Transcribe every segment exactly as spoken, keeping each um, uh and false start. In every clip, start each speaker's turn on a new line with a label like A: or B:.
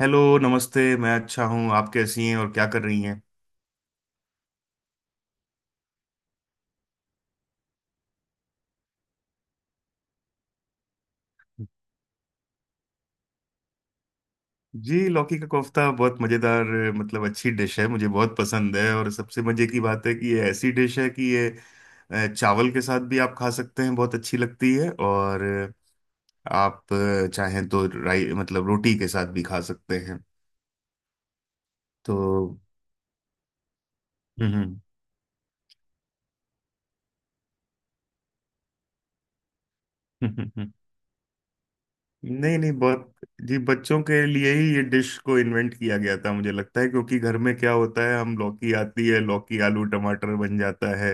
A: Hello, नमस्ते। मैं अच्छा हूँ। आप कैसी हैं और क्या कर रही हैं? जी, लौकी का कोफ्ता बहुत मज़ेदार मतलब अच्छी डिश है, मुझे बहुत पसंद है। और सबसे मज़े की बात है कि ये ऐसी डिश है कि ये अ, चावल के साथ भी आप खा सकते हैं, बहुत अच्छी लगती है। और आप अ, चाहें तो राई मतलब रोटी के साथ भी खा सकते हैं। तो हम्म। नहीं नहीं, बहुत। जी, बच्चों के लिए ही ये डिश को इन्वेंट किया गया था मुझे लगता है, क्योंकि घर में क्या होता है, हम लौकी आती है, लौकी आलू टमाटर बन जाता है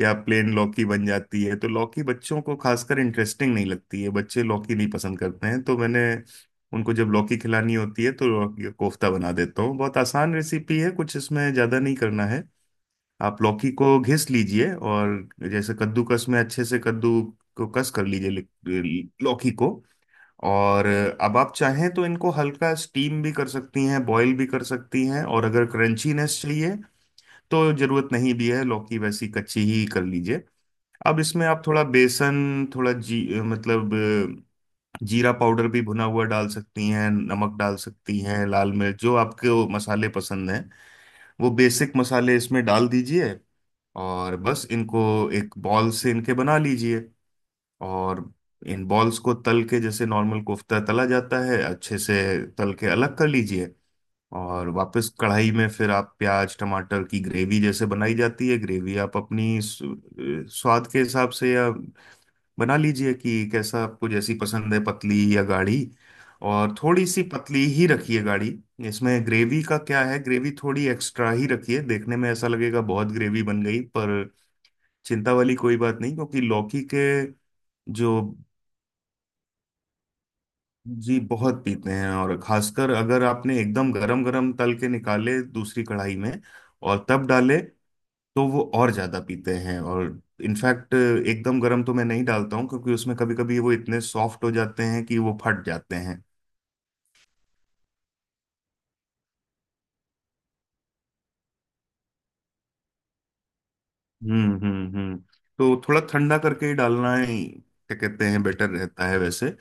A: या प्लेन लौकी बन जाती है। तो लौकी बच्चों को खासकर इंटरेस्टिंग नहीं लगती है, बच्चे लौकी नहीं पसंद करते हैं। तो मैंने उनको जब लौकी खिलानी होती है तो लौकी का कोफ्ता बना देता हूँ। बहुत आसान रेसिपी है, कुछ इसमें ज़्यादा नहीं करना है। आप लौकी को घिस लीजिए, और जैसे कद्दूकस में अच्छे से कद्दू को कस कर लीजिए लि- लौकी को। और अब आप चाहें तो इनको हल्का स्टीम भी कर सकती हैं, बॉईल भी कर सकती हैं, और अगर क्रंचीनेस चाहिए तो जरूरत नहीं भी है, लौकी वैसी कच्ची ही कर लीजिए। अब इसमें आप थोड़ा बेसन, थोड़ा जी मतलब अ, जीरा पाउडर भी भुना हुआ डाल सकती हैं, नमक डाल सकती हैं, लाल मिर्च, जो आपके वो मसाले पसंद हैं वो बेसिक मसाले इसमें डाल दीजिए। और बस इनको एक बॉल से इनके बना लीजिए। और इन बॉल्स को तल के, जैसे नॉर्मल कोफ्ता तला जाता है, अच्छे से तल के अलग कर लीजिए। और वापस कढ़ाई में फिर आप प्याज टमाटर की ग्रेवी जैसे बनाई जाती है, ग्रेवी आप अपनी स्व- अ, स्वाद के हिसाब से या बना लीजिए कि कैसा आपको जैसी पसंद है, पतली या गाढ़ी। और थोड़ी सी पतली ही रखिए, गाढ़ी इसमें ग्रेवी का क्या है, ग्रेवी थोड़ी एक्स्ट्रा ही रखिए। देखने में ऐसा लगेगा बहुत ग्रेवी बन गई, पर चिंता वाली कोई बात नहीं, क्योंकि लौकी के जो, जी बहुत पीते हैं। और खासकर अगर आपने एकदम गरम गरम तल के निकाले दूसरी कढ़ाई में और तब डाले, तो वो और ज्यादा पीते हैं। और इनफैक्ट एकदम गरम तो मैं नहीं डालता हूँ, क्योंकि उसमें कभी कभी वो इतने सॉफ्ट हो जाते हैं कि वो फट जाते हैं। हम्म हम्म हम्म तो थोड़ा ठंडा करके ही डालना ही, क्या कहते हैं, बेटर रहता है वैसे।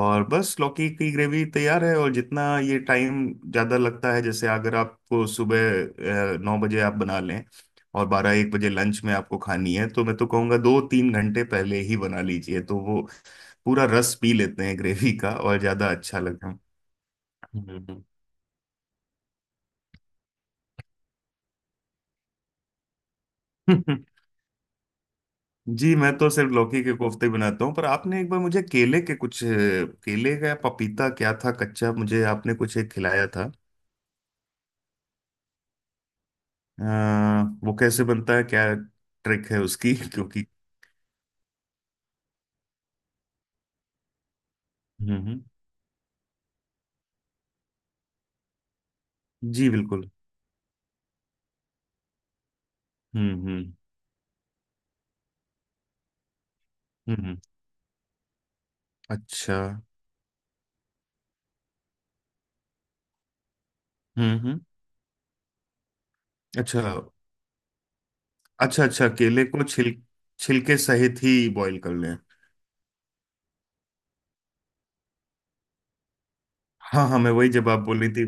A: और बस लौकी की ग्रेवी तैयार है। और जितना ये टाइम ज़्यादा लगता है, जैसे अगर आपको सुबह अ, नौ बजे आप बना लें और बारह एक बजे लंच में आपको खानी है, तो मैं तो कहूँगा दो तीन घंटे पहले ही बना लीजिए तो वो पूरा रस पी लेते हैं ग्रेवी का, और ज़्यादा अच्छा लगता है। हम्म। जी, मैं तो सिर्फ लौकी के कोफ्ते बनाता हूँ। पर आपने एक बार मुझे केले के कुछ केले का या पपीता क्या था, कच्चा, मुझे आपने कुछ एक खिलाया था। आ, वो कैसे बनता है, क्या ट्रिक है उसकी? क्योंकि हम्म हम्म, जी बिल्कुल। हम्म हम्म हम्म। अच्छा। हम्म हम्म। अच्छा अच्छा। अच्छा, केले को छिल छिलके सहित ही बॉईल कर लें? हाँ हाँ, मैं वही जब आप बोल रही थी,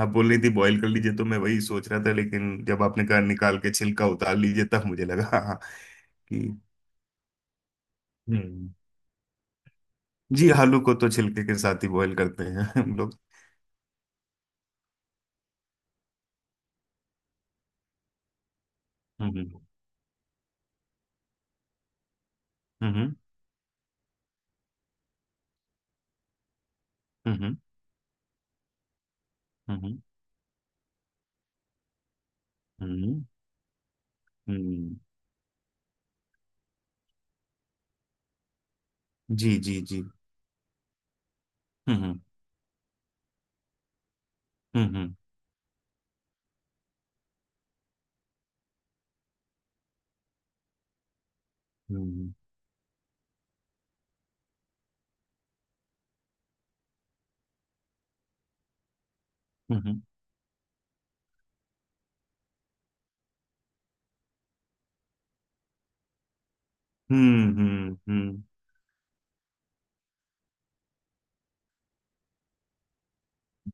A: आप बोल रही थी बॉईल कर लीजिए तो मैं वही सोच रहा था, लेकिन जब आपने कहा निकाल के छिलका उतार लीजिए तब मुझे लगा हाँ हाँ, कि हम्म। जी, आलू को तो छिलके के साथ ही बॉईल करते हैं हम लोग। हम्म हम्म हम्म हम्म हम्म हम्म हम्म, हम्म, जी जी जी। हम्म हम्म हम्म हम्म हम्म हम्म हम्म, हम्म,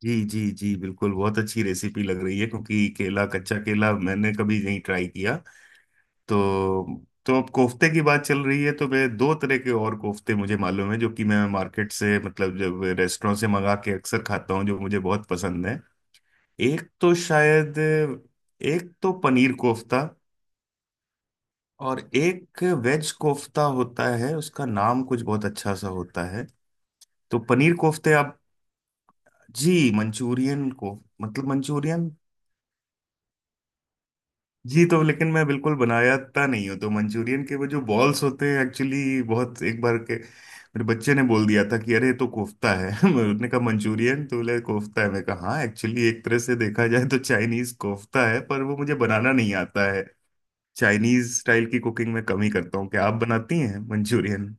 A: जी जी जी, बिल्कुल। बहुत अच्छी रेसिपी लग रही है, क्योंकि केला, कच्चा केला मैंने कभी नहीं ट्राई किया। तो तो अब कोफ्ते की बात चल रही है, तो मैं दो तरह के और कोफ्ते मुझे मालूम है जो कि मैं मार्केट से मतलब जब रेस्टोरेंट से मंगा के अक्सर खाता हूँ, जो मुझे बहुत पसंद है। एक तो शायद एक तो पनीर कोफ्ता, और एक वेज कोफ्ता होता है, उसका नाम कुछ बहुत अच्छा सा होता है। तो पनीर कोफ्ते आप, जी मंचूरियन को मतलब मंचूरियन। जी, तो लेकिन मैं बिल्कुल बनायाता नहीं हूँ, तो मंचूरियन के वो जो बॉल्स होते हैं एक्चुअली बहुत, एक बार के मेरे बच्चे ने बोल दिया था कि अरे ये तो कोफ्ता है। उसने कहा मंचूरियन, तो बोले कोफ्ता है, मैं कहा हाँ एक्चुअली एक तरह से देखा जाए तो चाइनीज कोफ्ता है, पर वो मुझे बनाना नहीं आता है। चाइनीज स्टाइल की कुकिंग मैं कम ही करता हूँ, क्या आप बनाती हैं मंचूरियन?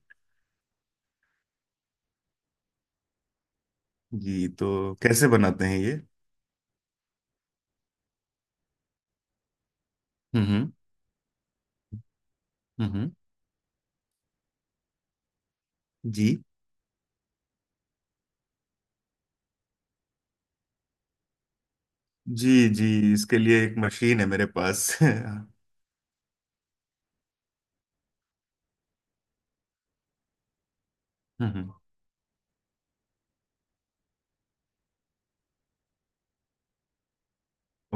A: जी, तो कैसे बनाते हैं ये? हम्म हम्म हम्म, जी जी जी। इसके लिए एक मशीन है मेरे पास। हम्म।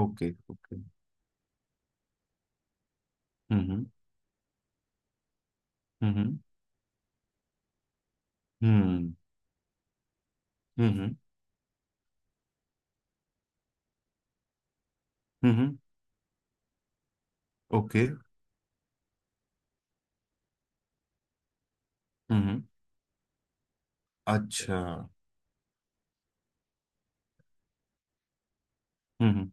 A: Okay okay. हम्म हम्म हम्म हम्म हम्म हम्म, हम्म, हम्म, ओके। हम्म हम्म, अच्छा। हम्म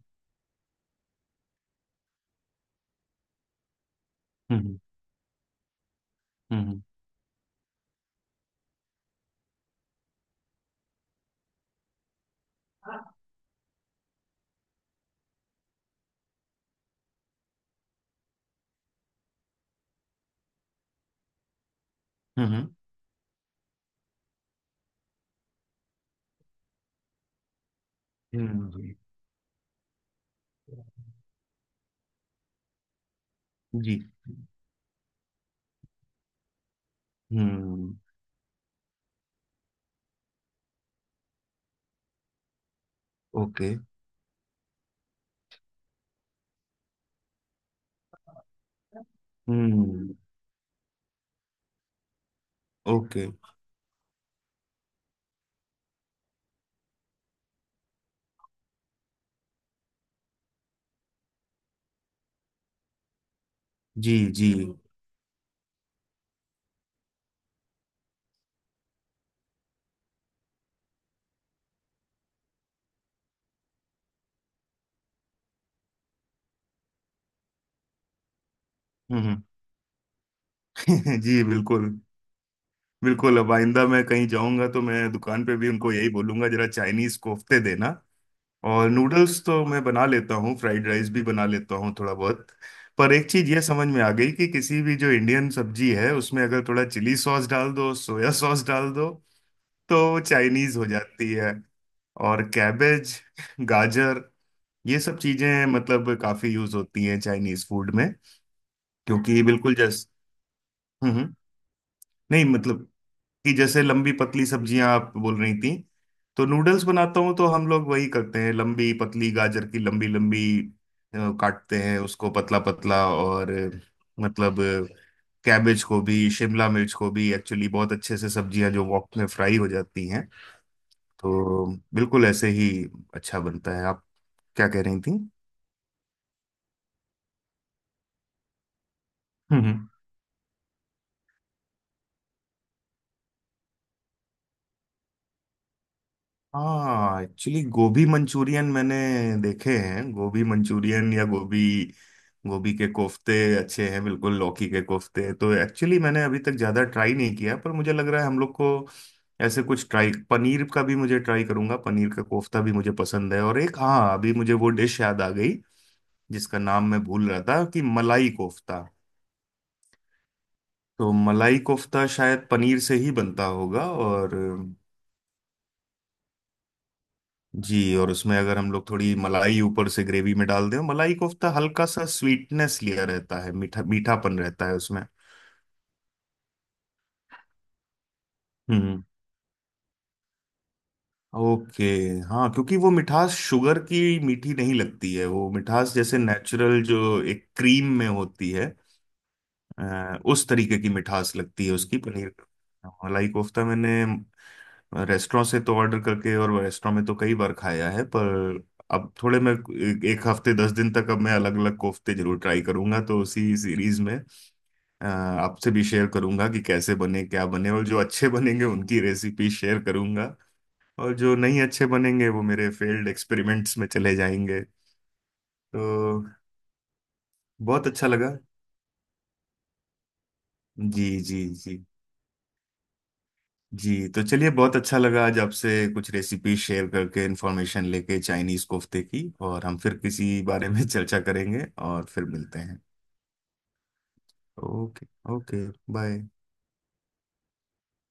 A: हम्म हम्म हम्म। जी जी। हम्म। ओके। हम्म। ओके। जी जी। हम्म। जी बिल्कुल। बिल्कुल, अब आइंदा मैं कहीं जाऊंगा तो मैं दुकान पे भी उनको यही बोलूंगा, जरा चाइनीज कोफ्ते देना। और नूडल्स तो मैं बना लेता हूँ, फ्राइड राइस भी बना लेता हूँ थोड़ा बहुत। पर एक चीज ये समझ में आ गई कि किसी भी जो इंडियन सब्जी है उसमें अगर थोड़ा चिली सॉस डाल दो, सोया सॉस डाल दो, तो चाइनीज हो जाती है। और कैबेज, गाजर, ये सब चीजें मतलब काफी यूज होती हैं चाइनीज फूड में, क्योंकि बिल्कुल जैस हम्म हम्म। नहीं मतलब, कि जैसे लंबी पतली सब्जियां आप बोल रही थी, तो नूडल्स बनाता हूँ तो हम लोग वही करते हैं, लंबी पतली गाजर की लंबी लंबी अ, काटते हैं उसको पतला पतला और अ, मतलब कैबेज को भी शिमला मिर्च को भी एक्चुअली बहुत अच्छे से सब्जियां जो वॉक में फ्राई हो जाती हैं तो बिल्कुल ऐसे ही अच्छा बनता है। आप क्या कह रही थी? हम्म। हाँ एक्चुअली गोभी मंचूरियन मैंने देखे हैं, गोभी मंचूरियन या गोभी, गोभी के कोफ्ते अच्छे हैं। बिल्कुल, लौकी के कोफ्ते तो एक्चुअली मैंने अभी तक ज़्यादा ट्राई नहीं किया, पर मुझे लग रहा है हम लोग को ऐसे कुछ ट्राई, पनीर का भी मुझे ट्राई करूंगा, पनीर का कोफ्ता भी मुझे पसंद है। और एक हाँ अभी मुझे वो डिश याद आ गई जिसका नाम मैं भूल रहा था कि मलाई कोफ्ता। तो मलाई कोफ्ता शायद पनीर से ही बनता होगा, और जी। और उसमें अगर हम लोग थोड़ी मलाई ऊपर से ग्रेवी में डाल दें, मलाई कोफ्ता हल्का सा स्वीटनेस लिया रहता है, मीठा मीठापन रहता है उसमें। हम्म। ओके। हाँ, क्योंकि वो मिठास शुगर की मीठी नहीं लगती है, वो मिठास जैसे नेचुरल जो एक क्रीम में होती है, अ, उस तरीके की मिठास लगती है उसकी, पनीर। हाँ, मलाई कोफ्ता मैंने रेस्टोरेंट से तो ऑर्डर करके और रेस्टोरेंट में तो कई बार खाया है, पर अब थोड़े मैं एक एक हफ्ते दस दिन तक अब मैं अलग अलग कोफ्ते जरूर ट्राई करूंगा, तो उसी सीरीज में अ, आपसे भी शेयर करूंगा कि कैसे बने क्या बने, और जो अच्छे बनेंगे उनकी रेसिपी शेयर करूंगा। और जो नहीं अच्छे बनेंगे वो मेरे फेल्ड एक्सपेरिमेंट्स में चले जाएंगे। तो बहुत अच्छा लगा। जी जी। जी, जी तो चलिए बहुत अच्छा लगा आज आपसे कुछ रेसिपी शेयर करके, इंफॉर्मेशन लेके चाइनीज कोफ्ते की। और हम फिर किसी बारे में चर्चा करेंगे और फिर मिलते हैं। ओके। ओके। बाय।